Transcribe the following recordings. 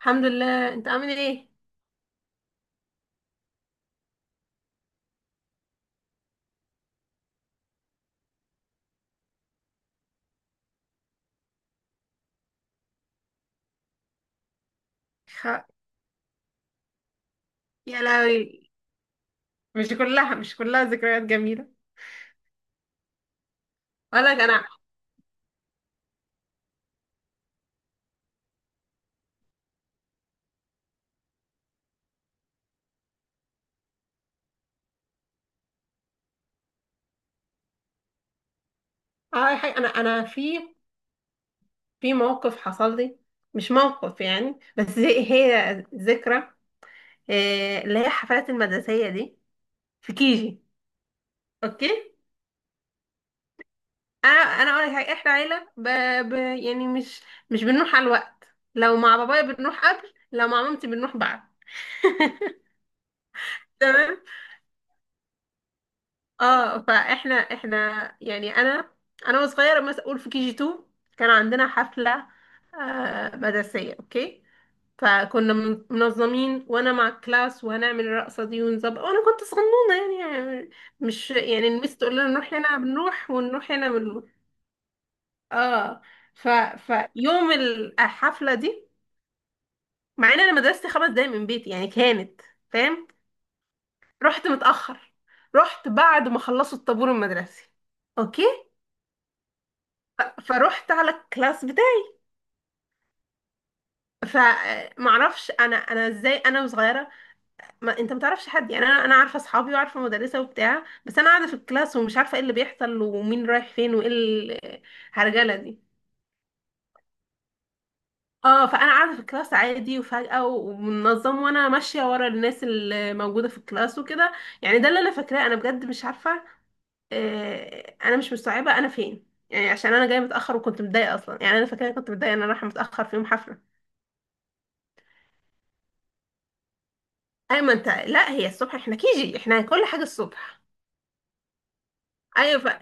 الحمد لله. انت عامل ايه؟ خ... يا لهوي. مش كلها، مش كلها ذكريات جميلة. اقول لك انا. انا في موقف حصل لي. مش موقف يعني، بس هي ذكرى. اللي هي الحفلات المدرسية دي، في كيجي. اوكي. انا اقول لك حاجة، احنا عيلة ب... يعني مش بنروح على الوقت. لو مع بابايا بنروح قبل، لو مع مامتي بنروح بعد. تمام. اه فاحنا يعني انا. وصغيره مثلا، اقول في كي جي 2 كان عندنا حفله، آه مدرسيه، اوكي. فكنا منظمين، وانا مع الكلاس، وهنعمل الرقصه دي ونظبط، وانا كنت صغنونه. يعني مش يعني المس تقول لنا نروح هنا بنروح، ونروح هنا بنروح. اه ف فيوم الحفله دي، مع ان انا مدرستي خمس دقايق من بيتي يعني، كانت، فاهم؟ رحت متاخر، رحت بعد ما خلصوا الطابور المدرسي. اوكي. فروحت على الكلاس بتاعي. فمعرفش انا، ازاي انا وصغيره؟ ما انت ما تعرفش حد. يعني انا، عارفه اصحابي وعارفه مدرسه وبتاع، بس انا قاعده في الكلاس ومش عارفه ايه اللي بيحصل، ومين رايح فين، وايه الهرجله دي. اه فانا قاعده في الكلاس عادي، وفجاه ومنظم، وانا ماشيه ورا الناس اللي موجوده في الكلاس وكده. يعني ده اللي انا فاكراه، انا بجد مش عارفه. انا مش مستوعبه انا فين، يعني عشان انا جايه متاخر وكنت متضايقه اصلا. يعني انا فاكره كنت متضايقه ان انا رايحه متاخر في يوم حفله. ايوه، ما انت لا هي الصبح، احنا كيجي احنا كل حاجه الصبح. ايوه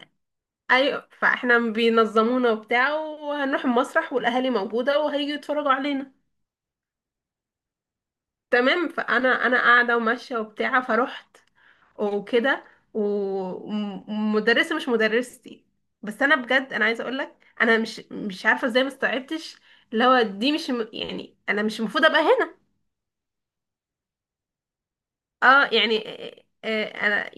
ايوه فاحنا بينظمونا وبتاع، وهنروح المسرح، والاهالي موجوده وهيجوا يتفرجوا علينا. تمام. فانا قاعده وماشيه وبتاع، فروحت وكده، ومدرسه مش مدرستي. بس انا بجد انا عايزه اقول لك، انا مش عارفه ازاي ما استوعبتش. اللي هو دي مش يعني انا مش المفروض ابقى هنا. اه يعني انا.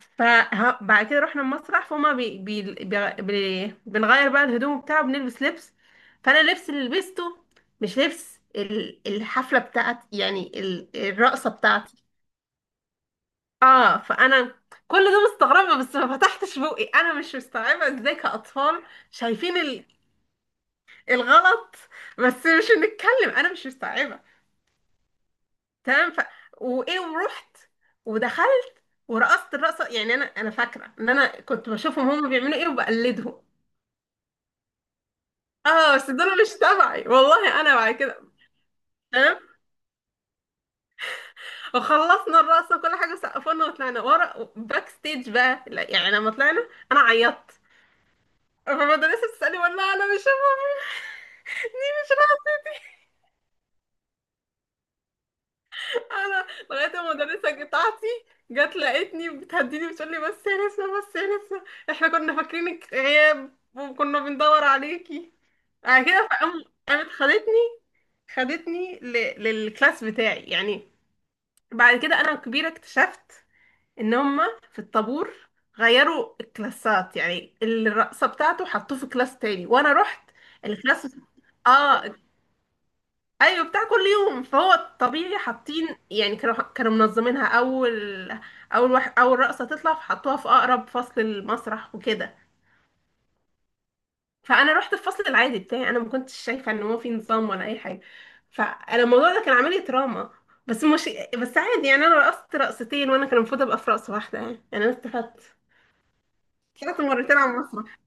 فبعد كده رحنا المسرح، فما بي بي بي بي بنغير بقى الهدوم بتاعه، بنلبس لبس. فانا اللبس اللي لبسته مش لبس الحفله بتاعتي، يعني الرقصه بتاعتي. اه فانا كل ده مستغربه، بس ما فتحتش بوقي، انا مش مستوعبه ازاي كاطفال شايفين الغلط، بس مش هنتكلم، انا مش مستوعبه. تمام وايه، ورحت، ودخلت، ورقصت الرقصه. يعني انا فاكره ان انا كنت بشوفهم هم بيعملوا ايه وبقلدهم. اه، بس دول مش تبعي والله. انا بعد كده، تمام، وخلصنا الرقصه وكل حاجه، سقفنا وطلعنا ورا باك ستيج بقى. لا يعني، لما طلعنا انا عيطت، فالمدرسه بتسالني والله انا مش دي مش راضية. انا لغايه المدرسه بتاعتي جت لقيتني بتهديني، بتقول لي بس يا نسمه، بس يا نسمه، احنا كنا فاكرينك غياب وكنا بندور عليكي. بعد كده قامت خدتني، خدتني ل... للكلاس بتاعي يعني. بعد كده انا كبيره اكتشفت ان هم في الطابور غيروا الكلاسات، يعني الرقصه بتاعته حطوه في كلاس تاني وانا رحت الكلاس. اه ايوه، بتاع كل يوم، فهو الطبيعي حاطين. يعني كانوا منظمينها اول، اول واحد اول رقصه تطلع، فحطوها في اقرب فصل المسرح وكده. فانا رحت الفصل العادي بتاعي، انا ما كنتش شايفه ان هو في نظام ولا اي حاجه. فانا الموضوع ده كان عامل لي تراما، بس مش بس عادي. يعني انا رقصت رقصتين وانا كان المفروض ابقى في رقصه واحده. يعني انا استفدت، طلعت مرتين على المسرح.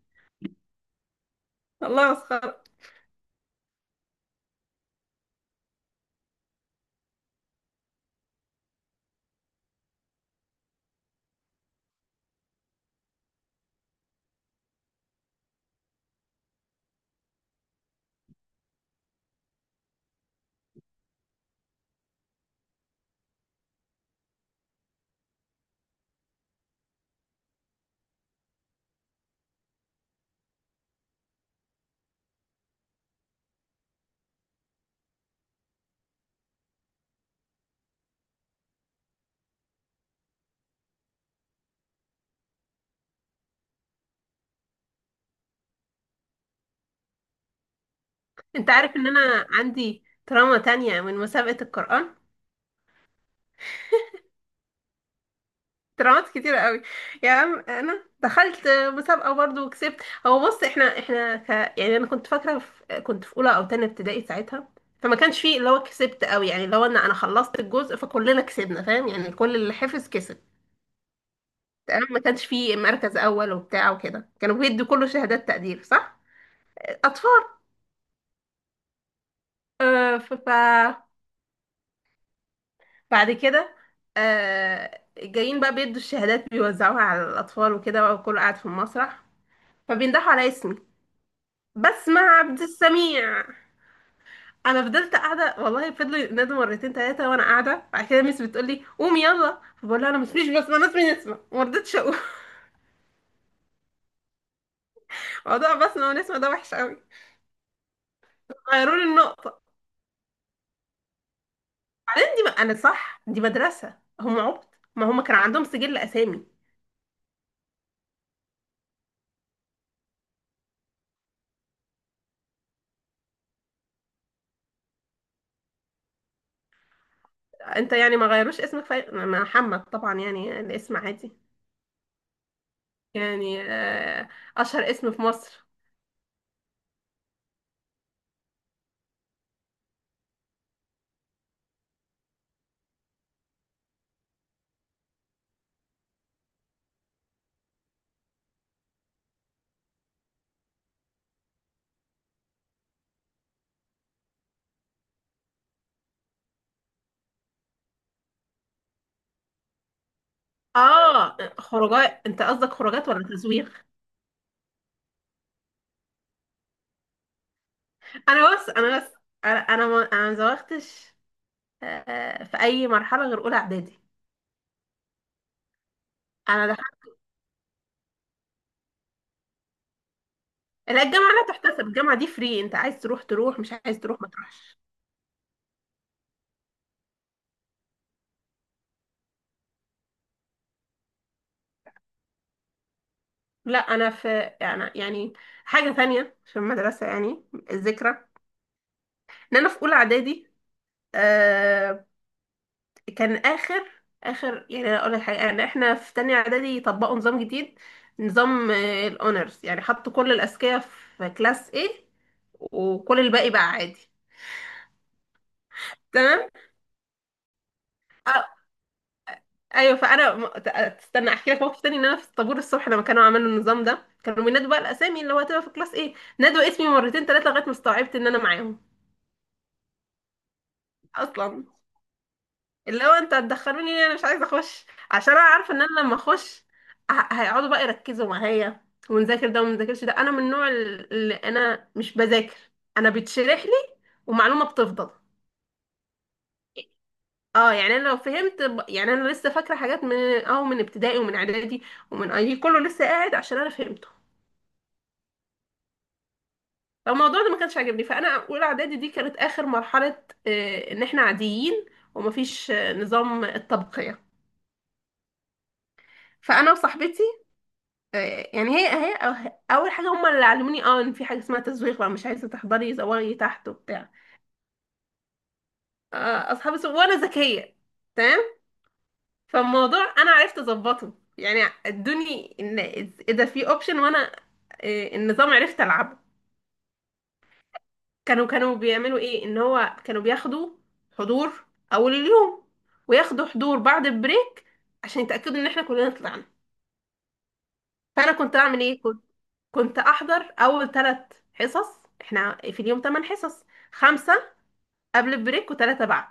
الله، مسخرة. انت عارف ان انا عندي تراما تانية من مسابقة القرآن؟ ترامات كتيرة قوي. يا عم انا دخلت مسابقة برضو وكسبت. هو بص، احنا يعني انا كنت فاكرة كنت في اولى او تانية ابتدائي ساعتها. فما كانش فيه اللي هو كسبت قوي، يعني اللي هو ان انا خلصت الجزء فكلنا كسبنا، فاهم؟ يعني كل اللي حفظ كسب. تمام، ما كانش فيه مركز اول وبتاع وكده، كانوا بيدوا كله شهادات تقدير، صح؟ اطفال. آه، ف... ف... بعد كده، آه جايين بقى بيدوا الشهادات بيوزعوها على الأطفال وكده بقى، وكله قاعد في المسرح. فبيندحوا على اسمي، بسمة عبد السميع. انا فضلت قاعده، والله فضلوا ينادوا مرتين ثلاثه وانا قاعده. بعد كده ميس بتقول لي قومي يلا، فبقول لها انا مش بسمه، انا اسمي نسمه، وما رضيتش اقول. موضوع بسمه ونسمه ده وحش قوي. غيروا لي النقطه. بعدين دي ما انا صح، دي مدرسه هم عبط، ما هم كان عندهم سجل اسامي. انت يعني ما غيروش اسمك محمد طبعا، يعني الاسم عادي، يعني اشهر اسم في مصر. اه، خروجات انت قصدك خروجات ولا تزويغ؟ انا بس انا بس انا ما زوغتش في اي مرحله غير اولى اعدادي. انا دخلت. لا، الجامعه لا تحتسب، الجامعه دي فري، انت عايز تروح تروح، مش عايز تروح ما تروحش. لا انا في يعني حاجه ثانيه في المدرسه. يعني الذكرى ان انا في اولى اعدادي، آه، كان اخر، أنا اقول لك حاجه، يعني احنا في تانية اعدادي طبقوا نظام جديد، نظام الاونرز، يعني حطوا كل الاذكياء في كلاس A، وكل الباقي بقى عادي. تمام آه، ايوه، فانا تستنى احكي لك موقف تاني. ان انا في الطابور الصبح لما كانوا عملوا النظام ده، كانوا بينادوا بقى الاسامي اللي هو هتبقى في كلاس A، نادوا اسمي مرتين ثلاثه لغايه ما استوعبت ان انا معاهم. اصلا اللي هو انت هتدخلوني ليه، انا مش عايزه اخش، عشان انا عارفه ان انا لما اخش هيقعدوا بقى يركزوا معايا، ونذاكر ده ومنذاكرش ده. انا من النوع اللي انا مش بذاكر، انا بتشرح لي ومعلومه بتفضل. اه يعني انا لو فهمت يعني انا لسه فاكره حاجات من اه من ابتدائي ومن اعدادي ومن اي، كله لسه قاعد عشان انا فهمته. فالموضوع ده ما كانش عاجبني، فانا اولى اعدادي دي كانت اخر مرحله ان احنا عاديين، ومفيش نظام الطبقيه. فانا وصاحبتي يعني هي اول حاجه هم اللي علموني اه ان في حاجه اسمها تزويق بقى، مش عايزه تحضري زوغي تحت وبتاع. اصحابي وانا ذكيه، تمام. فالموضوع انا عرفت اظبطه، يعني ادوني ان اذا في اوبشن وانا النظام، عرفت العبه. كانوا بيعملوا ايه، ان هو كانوا بياخدوا حضور اول اليوم، وياخدوا حضور بعد البريك عشان يتاكدوا ان احنا كلنا طلعنا. فانا كنت اعمل ايه؟ كنت احضر اول ثلاث حصص. احنا في اليوم ثمان حصص، خمسه قبل البريك وثلاثه بعد.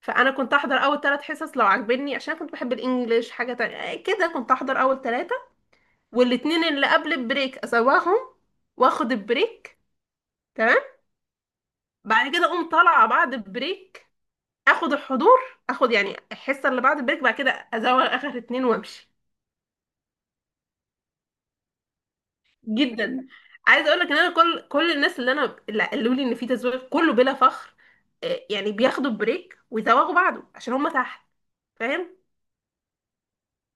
فانا كنت احضر اول ثلاث حصص لو عجبني، عشان كنت بحب الانجليش حاجه تانية. كده كنت احضر اول ثلاثه، والاتنين اللي قبل البريك اسواهم، واخد البريك، تمام. بعد كده اقوم طالعه بعد البريك، اخد الحضور، اخد يعني الحصه اللي بعد البريك، بعد كده ازوغ اخر اتنين وامشي. جدا. عايزه اقول لك ان انا كل الناس اللي انا اللي قالوا لي ان في تزوير كله، بلا فخر، يعني بياخدوا بريك ويزوغوا بعده عشان هم تحت، فاهم؟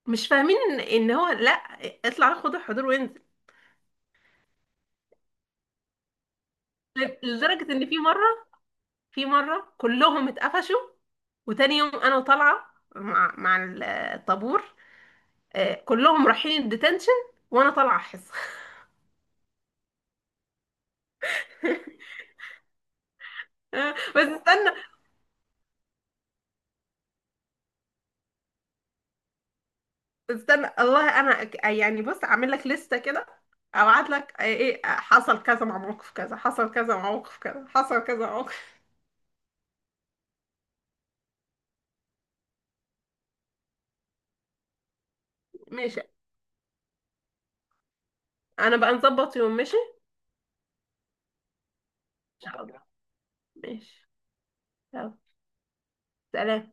مش فاهمين ان ان هو لا، اطلع خد الحضور وانزل. لدرجه ان في مره، في مره كلهم اتقفشوا، وتاني يوم انا طالعه مع الطابور، كلهم رايحين الديتنشن وانا طالعه حصه. بس استنى، والله انا يعني بص اعمل لك لستة كده، ابعت لك آه، ايه آه، حصل كذا مع موقف كذا، حصل كذا مع موقف كذا، حصل كذا مع موقف. ماشي. انا بقى نظبط يوم. ماشي، ان شاء الله. ماشي. يلا، سلام.